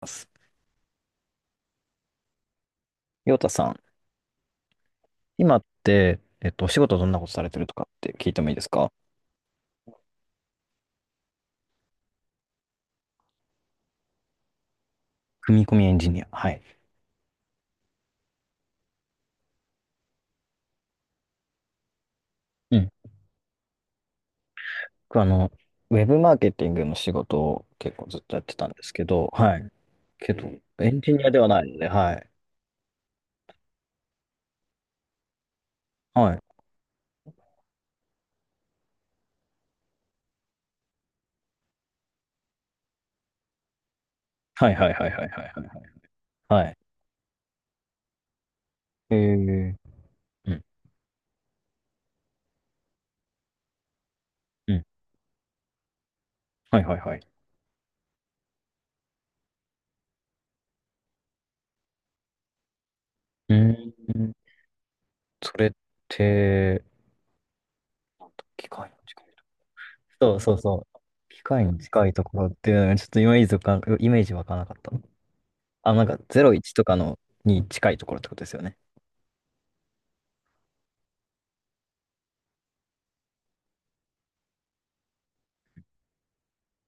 ます。陽太さん、今って、お仕事どんなことされてるとかって聞いてもいいですか？組み込みエンジニア。はい。うん。僕あの、ウェブマーケティングの仕事を結構ずっとやってたんですけど、はい。けど、エンジニアではないので、はい。はい。はいはいはいはいはいはいはい。はい。えー、うん、うん。はいはいはい。うーん。それって、なんだ機械の近いところそうそうそう。機械に近いところっていうのが、ちょっとイメージわからなかった。あ、なんか01とかのに近いところってことですよね。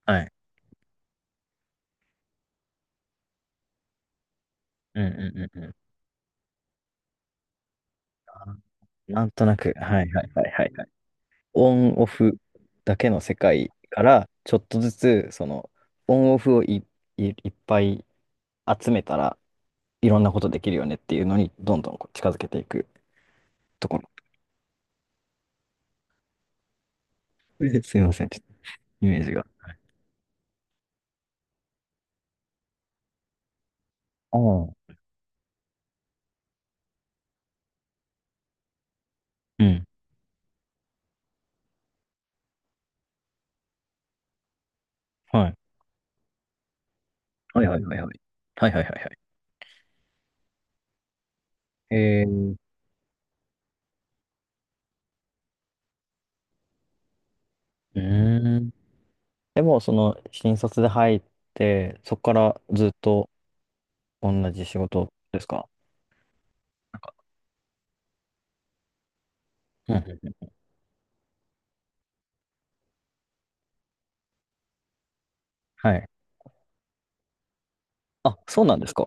はい。うんうんうんうん。あなんとなく、はいはいはいはいはい。オンオフだけの世界から、ちょっとずつ、その、オンオフをい、い、いっぱい集めたらいろんなことできるよねっていうのに、どんどんこう近づけていくところ。え、すいません、ちょっとイメージが。ああ、うん。はい。はいはいはいはい。はいはいはいはい。えー、うーん。でも、その、新卒で入って、そこからずっと、同じ仕事ですか？ううんうん。うん。はい。あ、そうなんですか。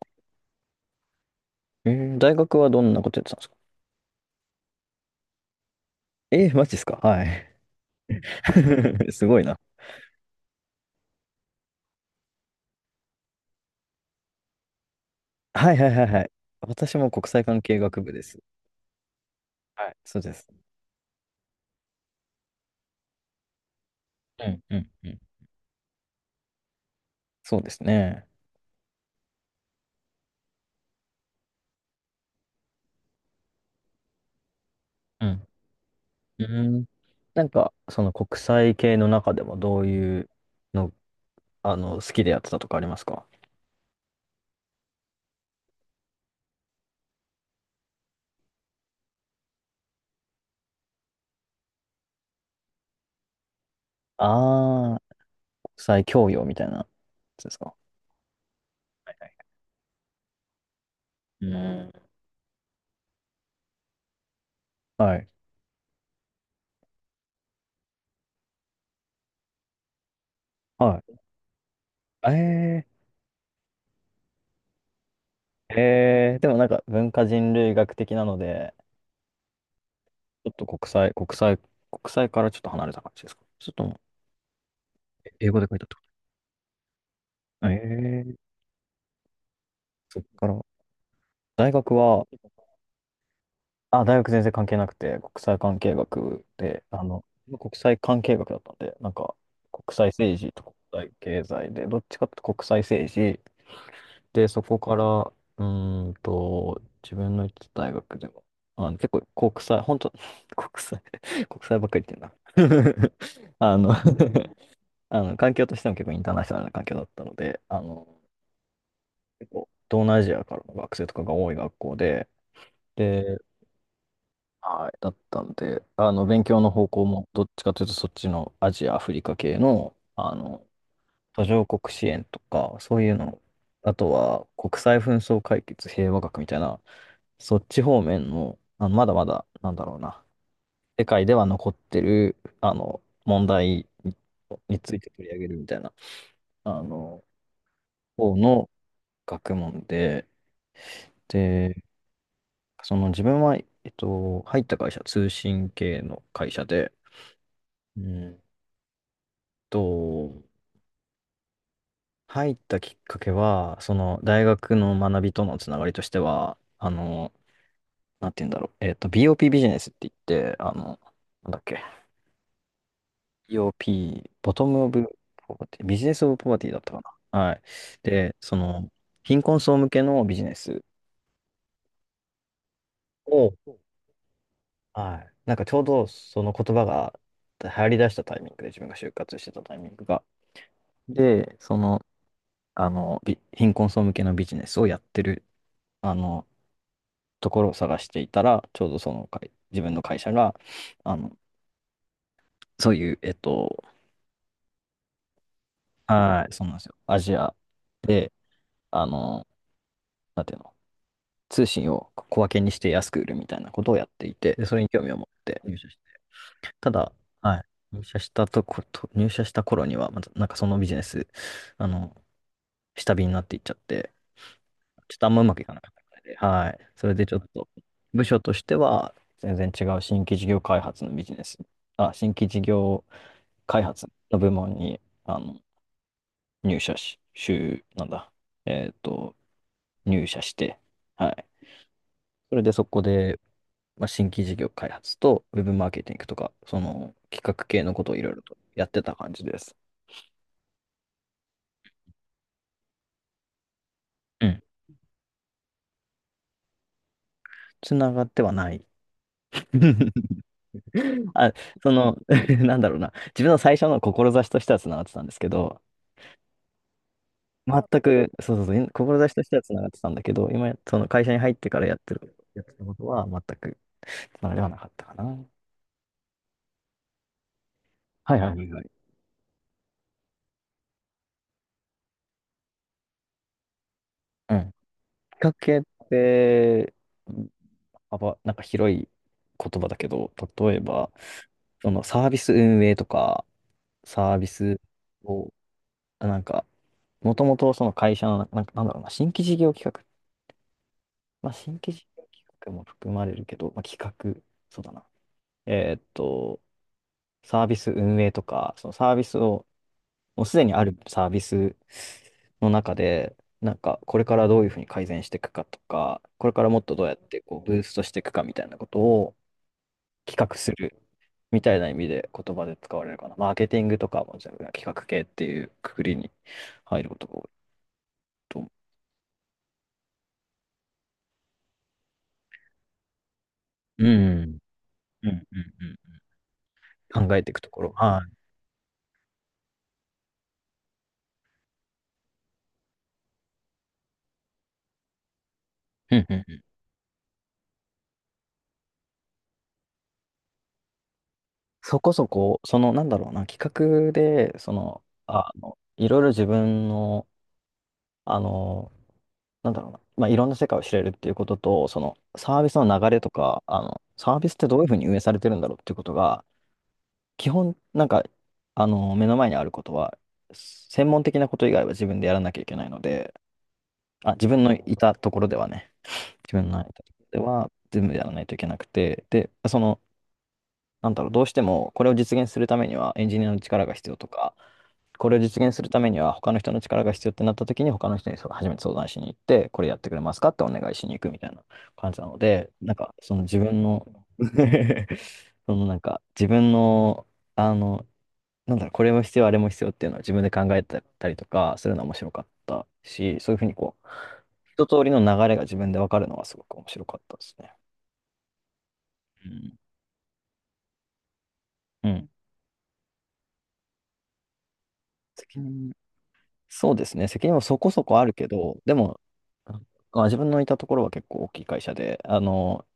えー、大学はどんなことやってたんですか？えー、マジですか？はい。すごいな。はいはいはいはい。私も国際関係学部です。はい、そうです。うんうんうん。そうですね。うん。うん。なんか、その国際系の中でもどういうの、好きでやってたとかありますか？ああー、国際教養みたいなやつですか。はいはい。うん。はい。はい。ええ。えー、でもなんか文化人類学的なので、ちょっと国際、国際、国際からちょっと離れた感じですか？ちょっともう、え、英語で書いてあったこと。えー、そっから、大学は、あ、大学全然関係なくて、国際関係学で、あの、国際関係学だったんで、なんか、国際政治と国際経済で、どっちかっていうと国際政治、で、そこから、うーんと、自分の行ってた大学でも、あの、結構国際、本当 国際、国際ばっかり言ってんな あの あの、環境としても結構インターナショナルな環境だったので、あの、結構、東南アジアからの学生とかが多い学校で、で、はい、だったんで、あの、勉強の方向も、どっちかというと、そっちのアジア、アフリカ系の、あの、途上国支援とか、そういうの、あとは、国際紛争解決平和学みたいな、そっち方面の、あの、まだまだ、なんだろうな、世界では残ってる、あの、問題にについて取り上げるみたいな、あの、方の学問で、で、その自分は、入った会社、通信系の会社で、うんと、入ったきっかけは、その、大学の学びとのつながりとしては、あの、なんて言うんだろう、BOP ビジネスって言って、あの、なんだっけ、BOP、ボトムオブポバティ、ビジネスオブポバティだったかな。はい。で、その、貧困層向けのビジネスを、はい。なんかちょうどその言葉が流行り出したタイミングで、自分が就活してたタイミングが。で、その、あの、び、貧困層向けのビジネスをやってる、あの、ところを探していたら、ちょうどその会、自分の会社が、あの、そういう、はい、そうなんですよ。アジアで、あの、なんていうの、通信を小分けにして安く売るみたいなことをやっていて、で、それに興味を持って入社して、ただ、はい、入社した頃には、またなんかそのビジネス、あの、下火になっていっちゃって、ちょっとあんまうまくいかなかったみたいで、はい、それでちょっと、部署としては、全然違う新規事業開発のビジネス、あ、新規事業開発の部門に、あの、入社し、週、なんだ、えっと、入社して、はい。それでそこでまあ、新規事業開発とウェブマーケティングとか、その企画系のことをいろいろとやってた感じです。うん。つながってはない。あ、その、なんだろうな。自分の最初の志としてはつながってたんですけど、全く、そうそうそう、志としてはつながってたんだけど、今、その会社に入ってからやってる、やってたことは全くつながりはなかったかな。はいはいはいはい。うん。企画系って、幅、なんか広い言葉だけど、例えば、そのサービス運営とか、サービスを、あなんか、もともとその会社の、なんか、なんだろうな、新規事業企画、まあ、新規事業企画も含まれるけど、まあ、企画、そうだな。えーっと、サービス運営とか、そのサービスを、もうすでにあるサービスの中で、なんか、これからどういうふうに改善していくかとか、これからもっとどうやってこうブーストしていくかみたいなことを企画するみたいな意味で言葉で使われるかな。マーケティングとかも、じゃあ企画系っていうくくりに入ることが多いと思う。うん。うんうんうん、考えていくところ。はい。うんうんうん。そこそこ、その、なんだろうな、企画で、その、ああの、いろいろ自分の、あの、なんだろうな、まあ、いろんな世界を知れるっていうことと、その、サービスの流れとか、あの、サービスってどういうふうに運営されてるんだろうっていうことが、基本、なんか、あの、目の前にあることは、専門的なこと以外は自分でやらなきゃいけないので、あ、自分のいたところではね、自分のいたところでは全部やらないといけなくて、で、その、なんだろう、どうしてもこれを実現するためにはエンジニアの力が必要とか、これを実現するためには他の人の力が必要ってなった時に他の人にそう初めて相談しに行って、これやってくれますかってお願いしに行くみたいな感じなので、なんかその自分の そのなんか自分の、あの、なんだろう、これも必要、あれも必要っていうのは自分で考えてたりとかするのは面白かったし、そういうふうにこう、一通りの流れが自分で分かるのはすごく面白かったですね。うん。うん。責任、そうですね、責任もそこそこあるけど、でも、あ、自分のいたところは結構大きい会社で、あの、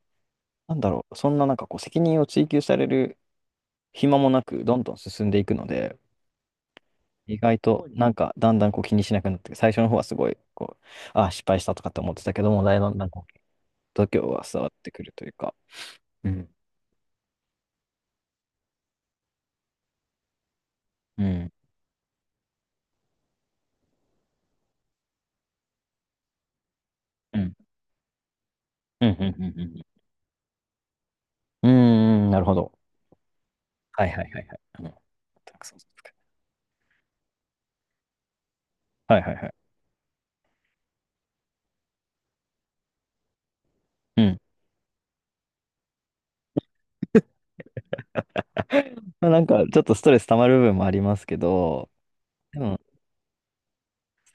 なんだろう、そんななんかこう、責任を追求される暇もなく、どんどん進んでいくので、意外となんかだんだんこう気にしなくなって、最初の方はすごいこう、あ、失敗したとかって思ってたけども、だんだんこう度胸は伝わってくるというか。うん。うん。うん。うん。うん。うん。うん。うん、なるほど。はいはいはいはい。うん。たくさんですか？はいはいはい。うん。まあ、なんかちょっとストレス溜まる部分もありますけど、でも、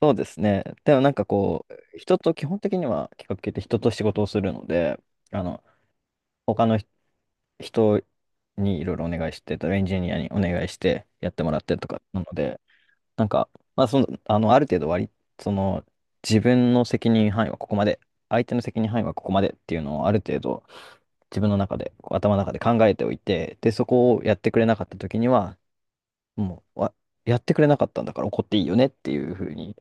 そうですね。でもなんかこう、人と基本的には企画系って人と仕事をするので、あの、他のひ人にいろいろお願いして、エンジニアにお願いしてやってもらってとかなので、なんか、まあ、その、あの、ある程度割り、その、自分の責任範囲はここまで、相手の責任範囲はここまでっていうのをある程度自分の中で、こう頭の中で考えておいて、で、そこをやってくれなかった時には、もう、わ、やってくれなかったんだから怒っていいよねっていうふうに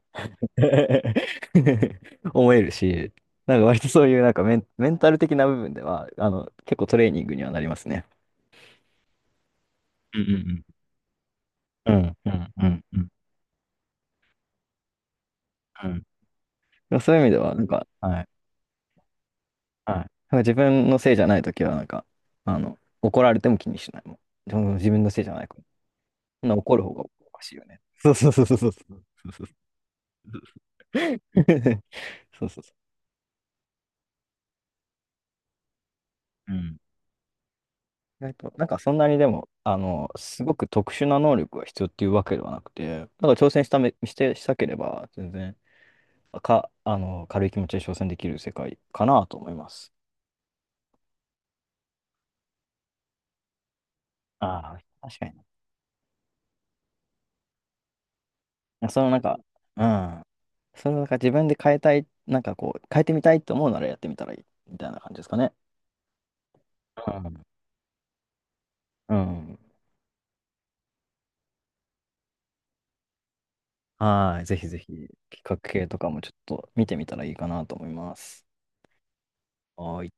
思えるし、なんか割とそういうなんかメンタル的な部分では、あの、結構トレーニングにはなりますね。うんうんうん、うん、うん、うん。うんうん、そういう意味では、なんか、はい。はい、なんか自分のせいじゃないときは、なんか、あの、怒られても気にしないもん。でも自分のせいじゃないから。そんな怒る方がおかしいよね。そうそうそうそうそう。そうそうそう。そうそうそう。うん。意外と、なんかそんなにでも、あの、すごく特殊な能力が必要っていうわけではなくて、なんか挑戦しため、して、したければ、全然、か、あの、軽い気持ちで挑戦できる世界かなと思います。ああ、確かに。そのなんか、うん。それをなんか自分で変えたい、なんかこう、変えてみたいと思うならやってみたらいい、みたいな感じですかね。うん。うん。はい。ぜひぜひ、企画系とかもちょっと見てみたらいいかなと思います。はい。